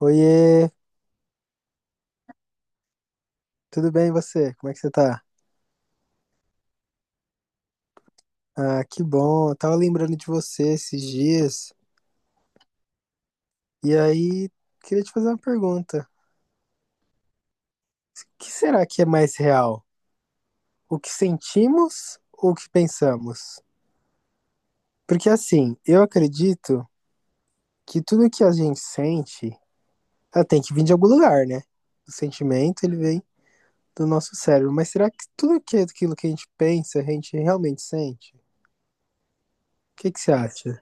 Oiê, tudo bem e você? Como é que você tá? Ah, que bom. Eu tava lembrando de você esses dias e aí queria te fazer uma pergunta. O que será que é mais real? O que sentimos ou o que pensamos? Porque assim, eu acredito que tudo que a gente sente, ela tem que vir de algum lugar, né? O sentimento, ele vem do nosso cérebro. Mas será que tudo que é aquilo que a gente pensa, a gente realmente sente? O que que você acha?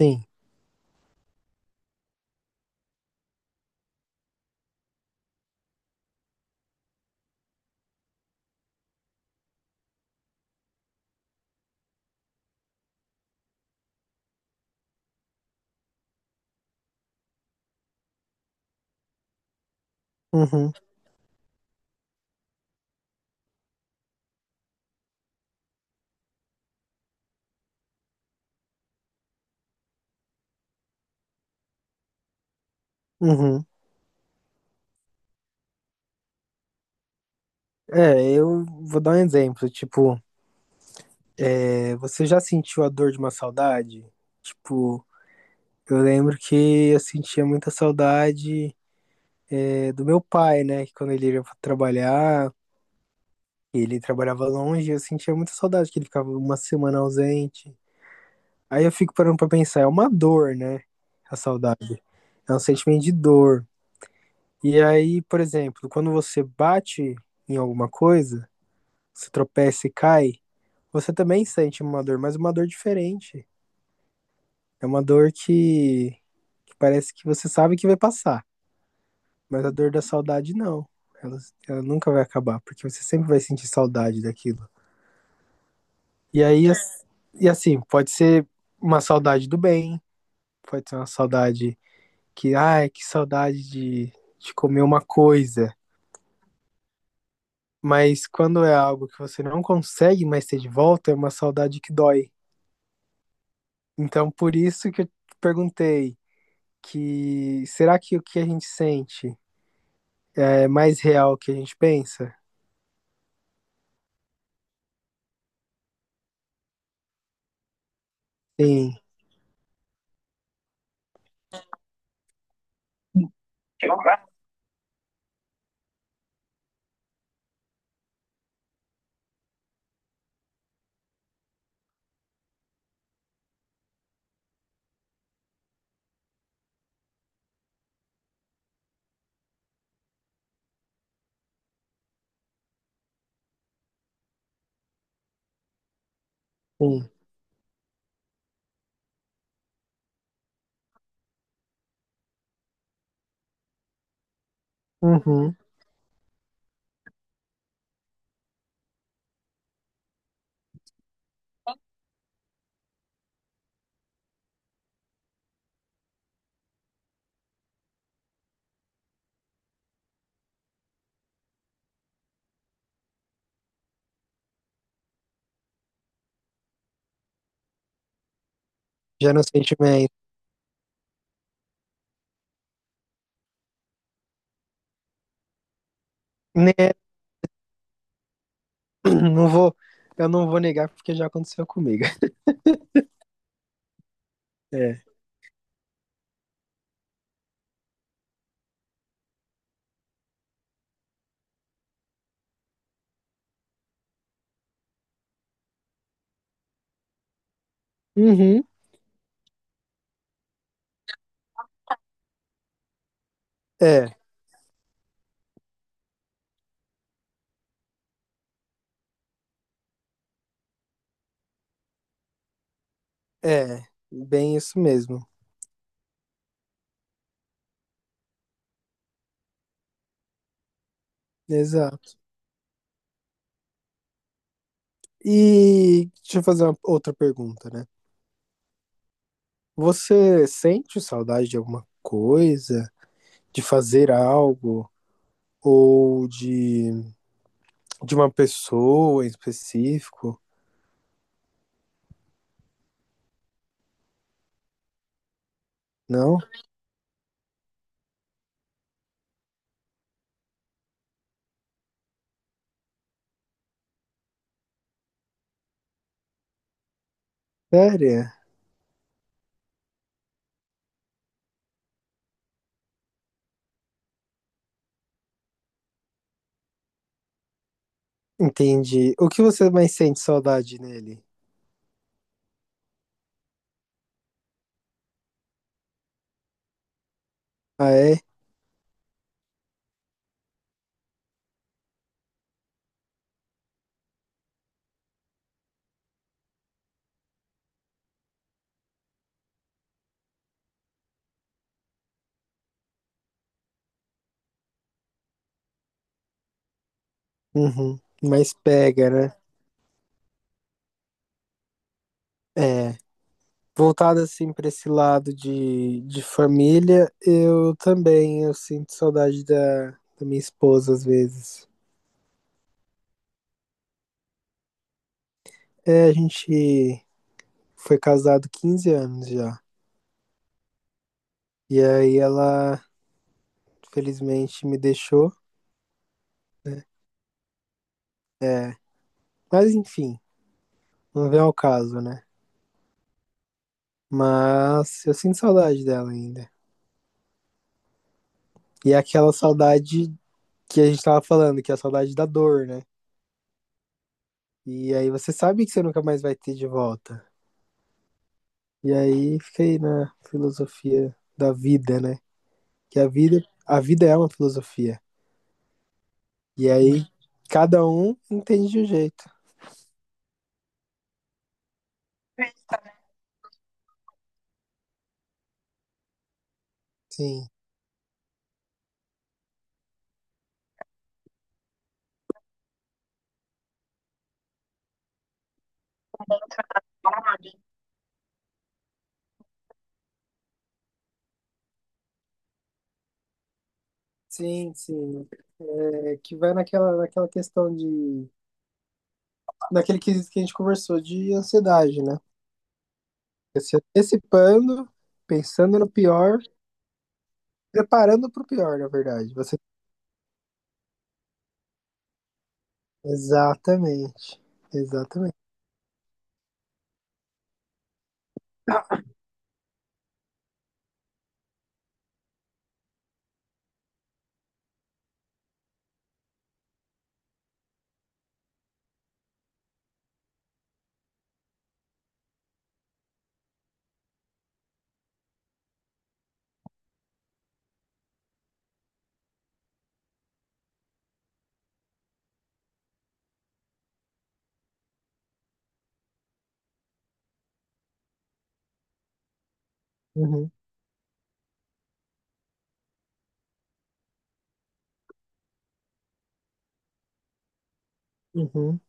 Sim. Uhum, uhum. É, eu vou dar um exemplo. Tipo, é, você já sentiu a dor de uma saudade? Tipo, eu lembro que eu sentia muita saudade, é, do meu pai, né? Que quando ele ia pra trabalhar, ele trabalhava longe, eu sentia muita saudade, que ele ficava uma semana ausente. Aí eu fico parando pra pensar, é uma dor, né? A saudade. É um sentimento de dor. E aí, por exemplo, quando você bate em alguma coisa, você tropeça e cai, você também sente uma dor, mas uma dor diferente. É uma dor que parece que você sabe que vai passar, mas a dor da saudade não. Ela, ela nunca vai acabar, porque você sempre vai sentir saudade daquilo. E aí, e assim, pode ser uma saudade do bem, pode ser uma saudade que, ai, que saudade de comer uma coisa. Mas quando é algo que você não consegue mais ter de volta, é uma saudade que dói. Então, por isso que eu te perguntei que será que o que a gente sente é mais real que a gente pensa? Sim, sim. Uhum. Já no sentimento. Né? Não vou, eu não vou negar porque já aconteceu comigo. É. Uhum. É, é. Bem isso mesmo. Exato. E deixa eu fazer uma outra pergunta, né? Você sente saudade de alguma coisa, de fazer algo ou de, de uma pessoa em específico? Não? Sério? Entendi. O que você mais sente saudade nele? Ah, é? Uhum, mas pega, né? É. Voltado assim para esse lado de família, eu também eu sinto saudade da minha esposa às vezes. É, a gente foi casado 15 anos já. E aí ela felizmente me deixou. É, mas enfim, não vem ao caso, né? Mas eu sinto saudade dela ainda. E é aquela saudade que a gente tava falando, que é a saudade da dor, né? E aí você sabe que você nunca mais vai ter de volta. E aí fiquei na filosofia da vida, né? Que a vida é uma filosofia. E aí cada um entende de um jeito. Sim, sim, sim. É, que vai naquela questão de. Naquele quesito que a gente conversou de ansiedade, né? Se antecipando, pensando no pior, preparando para o pior, na verdade. Você... Exatamente. Exatamente. Uhum, uhum.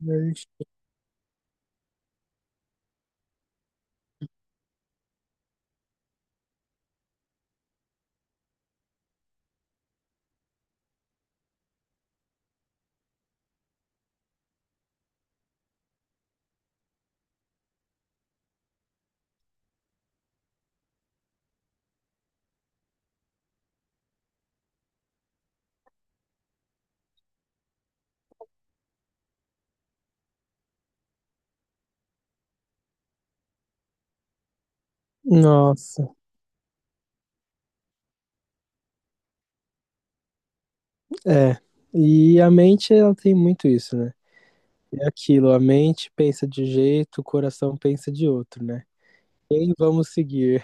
Mas- Nossa. É, e a mente ela tem muito isso, né? É aquilo, a mente pensa de jeito, o coração pensa de outro, né? Quem vamos seguir?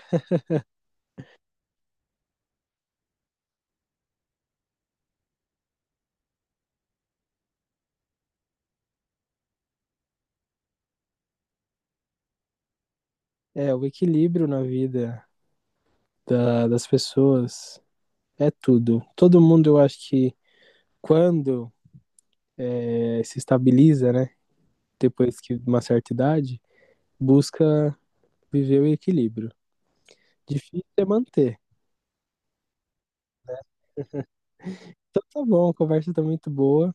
É, o equilíbrio na vida das pessoas é tudo. Todo mundo, eu acho que quando é, se estabiliza, né? Depois que de uma certa idade, busca viver o equilíbrio. Difícil é manter. Então tá bom, a conversa tá muito boa.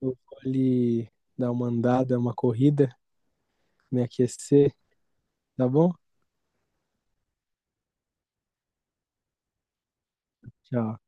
Eu vou ali dar uma andada, uma corrida, me aquecer, tá bom? Tchau.